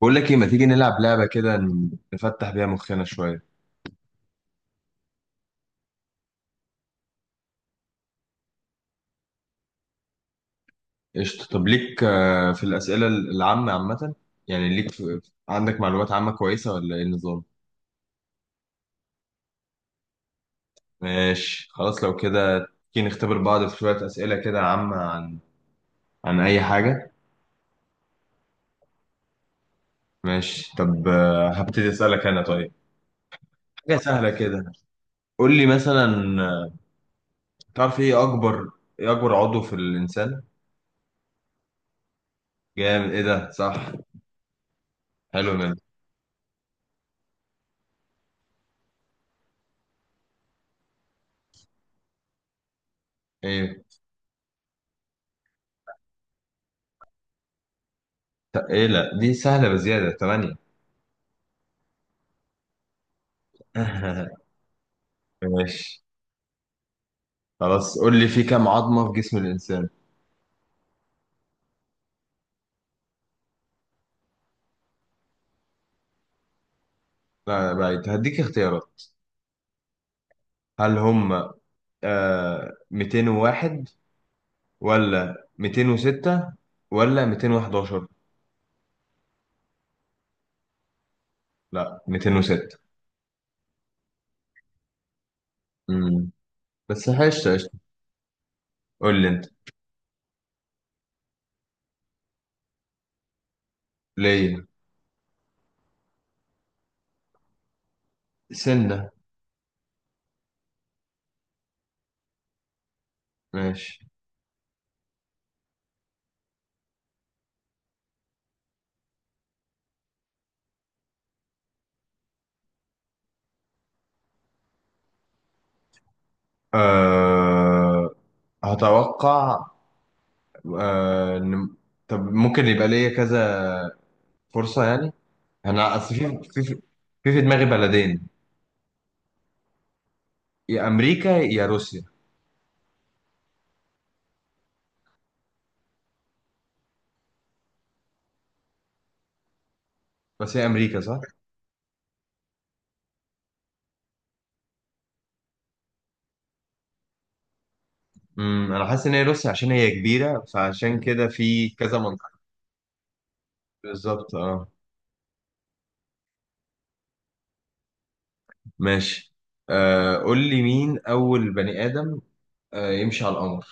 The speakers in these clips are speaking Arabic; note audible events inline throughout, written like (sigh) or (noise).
بقول لك ايه؟ ما تيجي نلعب لعبة كده، نفتح بيها مخنا شوية. قشطة. طب ليك في الأسئلة العامة عامة؟ يعني ليك عندك معلومات عامة كويسة، ولا ايه النظام؟ ماشي خلاص لو كده، تيجي نختبر بعض في شوية أسئلة كده عامة عن أي حاجة. ماشي. طب هبتدي أسألك أنا. طيب حاجة سهلة كده، قول لي مثلا، آه، تعرف ايه أكبر عضو في الإنسان؟ جامد! ايه ده، صح. حلو منك. ايه؟ طب ايه؟ لا، دي سهلة بزيادة، تمانية. (laughs) ماشي خلاص، قول لي في كام عظمة في جسم الإنسان؟ لا بعيد، هديك اختيارات. هل هم 201، ولا 206، ولا 211؟ لا، 206. امم بس حشت قشطة. قول لي انت. ليه سنة؟ ماشي، آه هتوقع. آه إن- طب ممكن يبقى ليا كذا فرصة يعني؟ انا اصل في دماغي بلدين، يا امريكا يا روسيا. بس هي امريكا، صح؟ انا حاسس ان هي روسيا، عشان هي كبيره، فعشان كده في كذا منطقه. بالظبط اه. ماشي، قول لي، مين اول بني ادم يمشي على القمر؟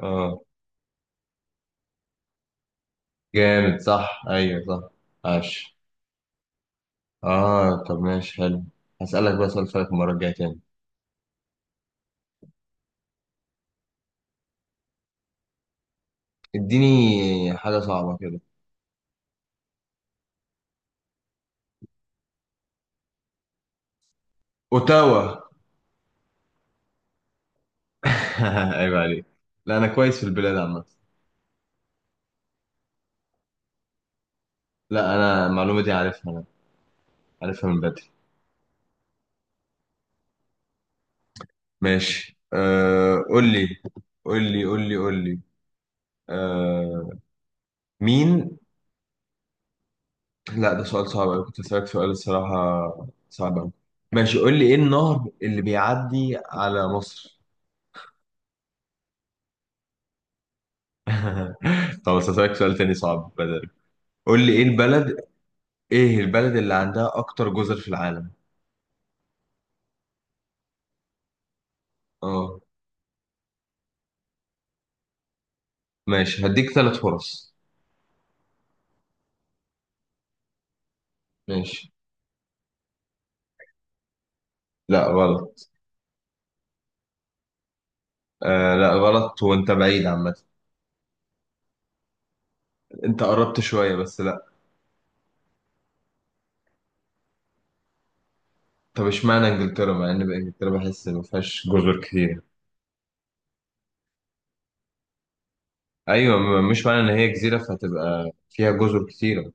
اه جامد، صح. ايوه صح. عاش. اه طب ماشي، حلو. هسألك بقى سؤال فلك المره الجايه تاني. اديني حاجه صعبه كده. اوتاوا. (laughs) عيب عليك! لا، انا كويس في البلاد عامه. لا، انا المعلومه دي عارفها انا، عارفها من بدري. ماشي، آه قول لي قول لي قول لي قول لي آه مين. لا، ده سؤال صعب أوي، كنت أسألك سؤال الصراحة صعب أوي. ماشي، قول لي إيه النهر اللي بيعدي على مصر؟ (laughs) خلاص، هسألك سؤال تاني صعب بدل. قول لي إيه البلد اللي عندها أكتر جزر في العالم؟ أه. ماشي، هديك ثلاث فرص. ماشي. لا غلط. لا غلط، وأنت بعيد عامة. أنت قربت شوية، بس لا. طب اشمعنى إنجلترا، مع إن إنجلترا بحس إن ما فيهاش جزر كتير؟ ايوه، مش معنى ان هي جزيره فهتبقى فيها جزر كتيره.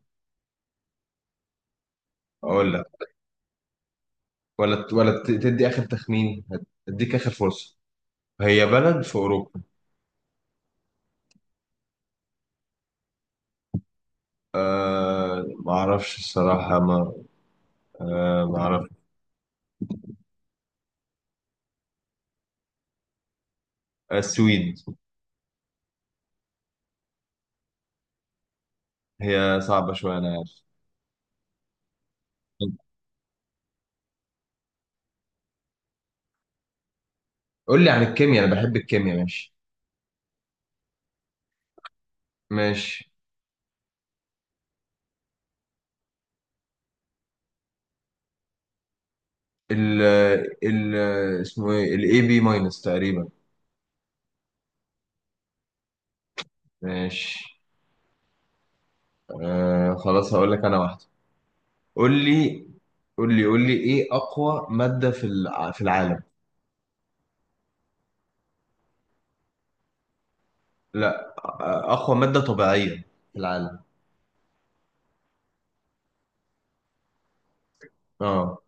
اقول لك. ولا تدي اخر تخمين، هديك اخر فرصه. هي بلد في اوروبا. أه، ما اعرفش الصراحه. ما اعرف. السويد. هي صعبه شويه، انا عارف. قول لي عن الكيمياء، انا بحب الكيمياء. ماشي. ماشي. ال ال اسمه ايه؟ الاي بي ماينس تقريبا. ماشي. أه خلاص، هقول لك انا واحده. قول لي قول لي, ايه اقوى ماده في في العالم؟ لا. أقوى مادة طبيعية في العالم. اه،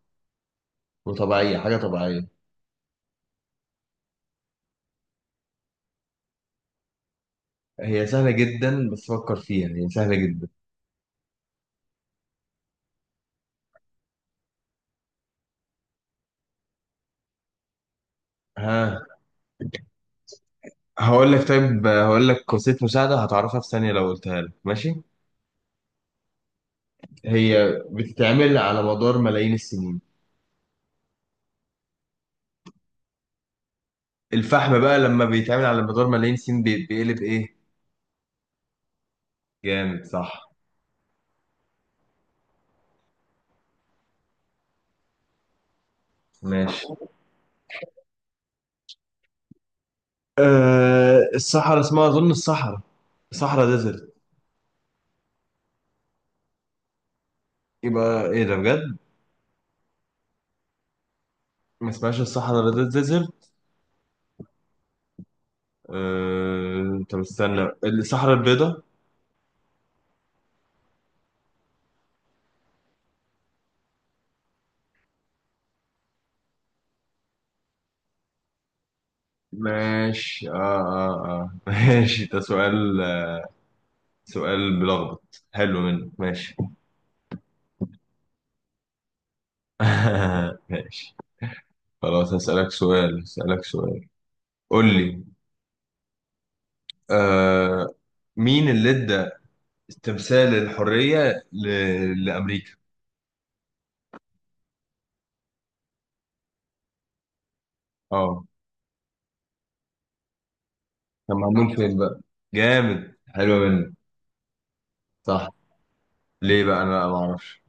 حاجة طبيعية. هي سهلة جدا، بس فكر فيها، هي سهلة جدا. ها. هقول لك وسيلة مساعدة، هتعرفها في ثانية لو قلتها لك. ماشي، هي بتتعمل على مدار ملايين السنين. الفحم بقى لما بيتعمل على مدار ملايين السنين بيقلب إيه؟ جامد صح. ماشي. أه الصحراء اسمها أظن، صحراء ديزرت. يبقى إيه ده بجد. ما اسمهاش الصحراء ديزرت. طب استنى. الصحراء البيضاء. ماشي. اه اه اه. (laughs) ماشي. ده سؤال، سؤال بلخبط، حلو منك. ماشي. (laughs) ماشي خلاص، هسألك سؤال. قول لي، آه مين اللي ادى تمثال الحرية لأمريكا؟ اه. كان معمول فين بقى؟ جامد، حلو منك. صح. ليه بقى؟ انا ما اعرفش.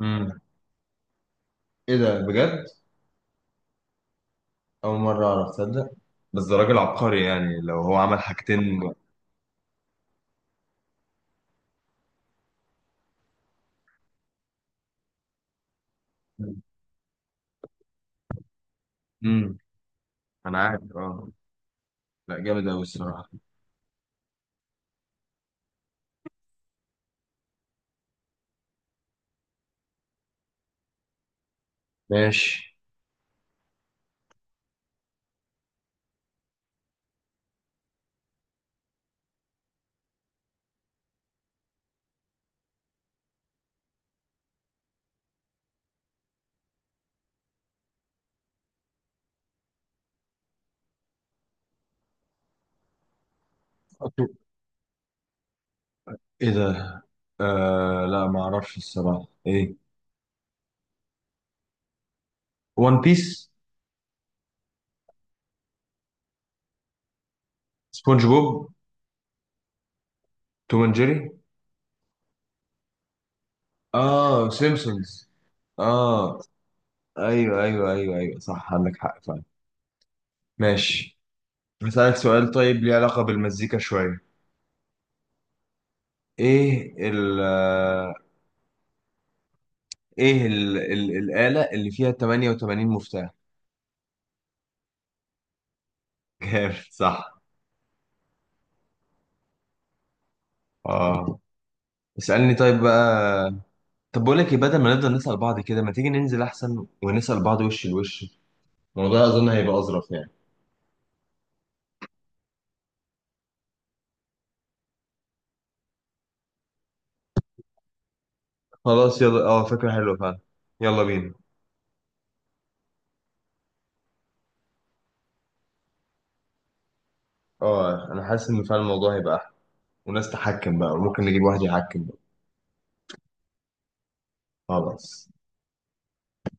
امم ايه ده بجد؟ أول مرة أعرف، تصدق؟ بس ده راجل عبقري، يعني لو هو عمل حاجتين. امم انا عارف اه. لا، جامد أوي الصراحة. ماشي. أوكي. إيه ده؟ لا، ما أعرفش الصراحة. إيه؟ ون بيس. سبونج بوب. توم اند جيري. سيمبسونز. آه أيوه أيوه أيوه أيوه، صح، عندك حق فعلا. ماشي، هسألك سؤال طيب ليه علاقة بالمزيكا شوية. إيه ال آه، إيه ال ال الآلة اللي فيها 88 مفتاح؟ جامد صح. اه. اسألني طيب بقى. طب بقول لك إيه، بدل ما نفضل نسأل بعض كده، ما تيجي ننزل احسن ونسأل بعض وش لوش. الموضوع اظن هيبقى اظرف يعني. خلاص يلا، اه فكرة حلوة فعلا. يلا بينا. اه انا حاسس ان فعلا الموضوع هيبقى احلى، وناس تحكم بقى، وممكن نجيب واحد يحكم بقى. خلاص.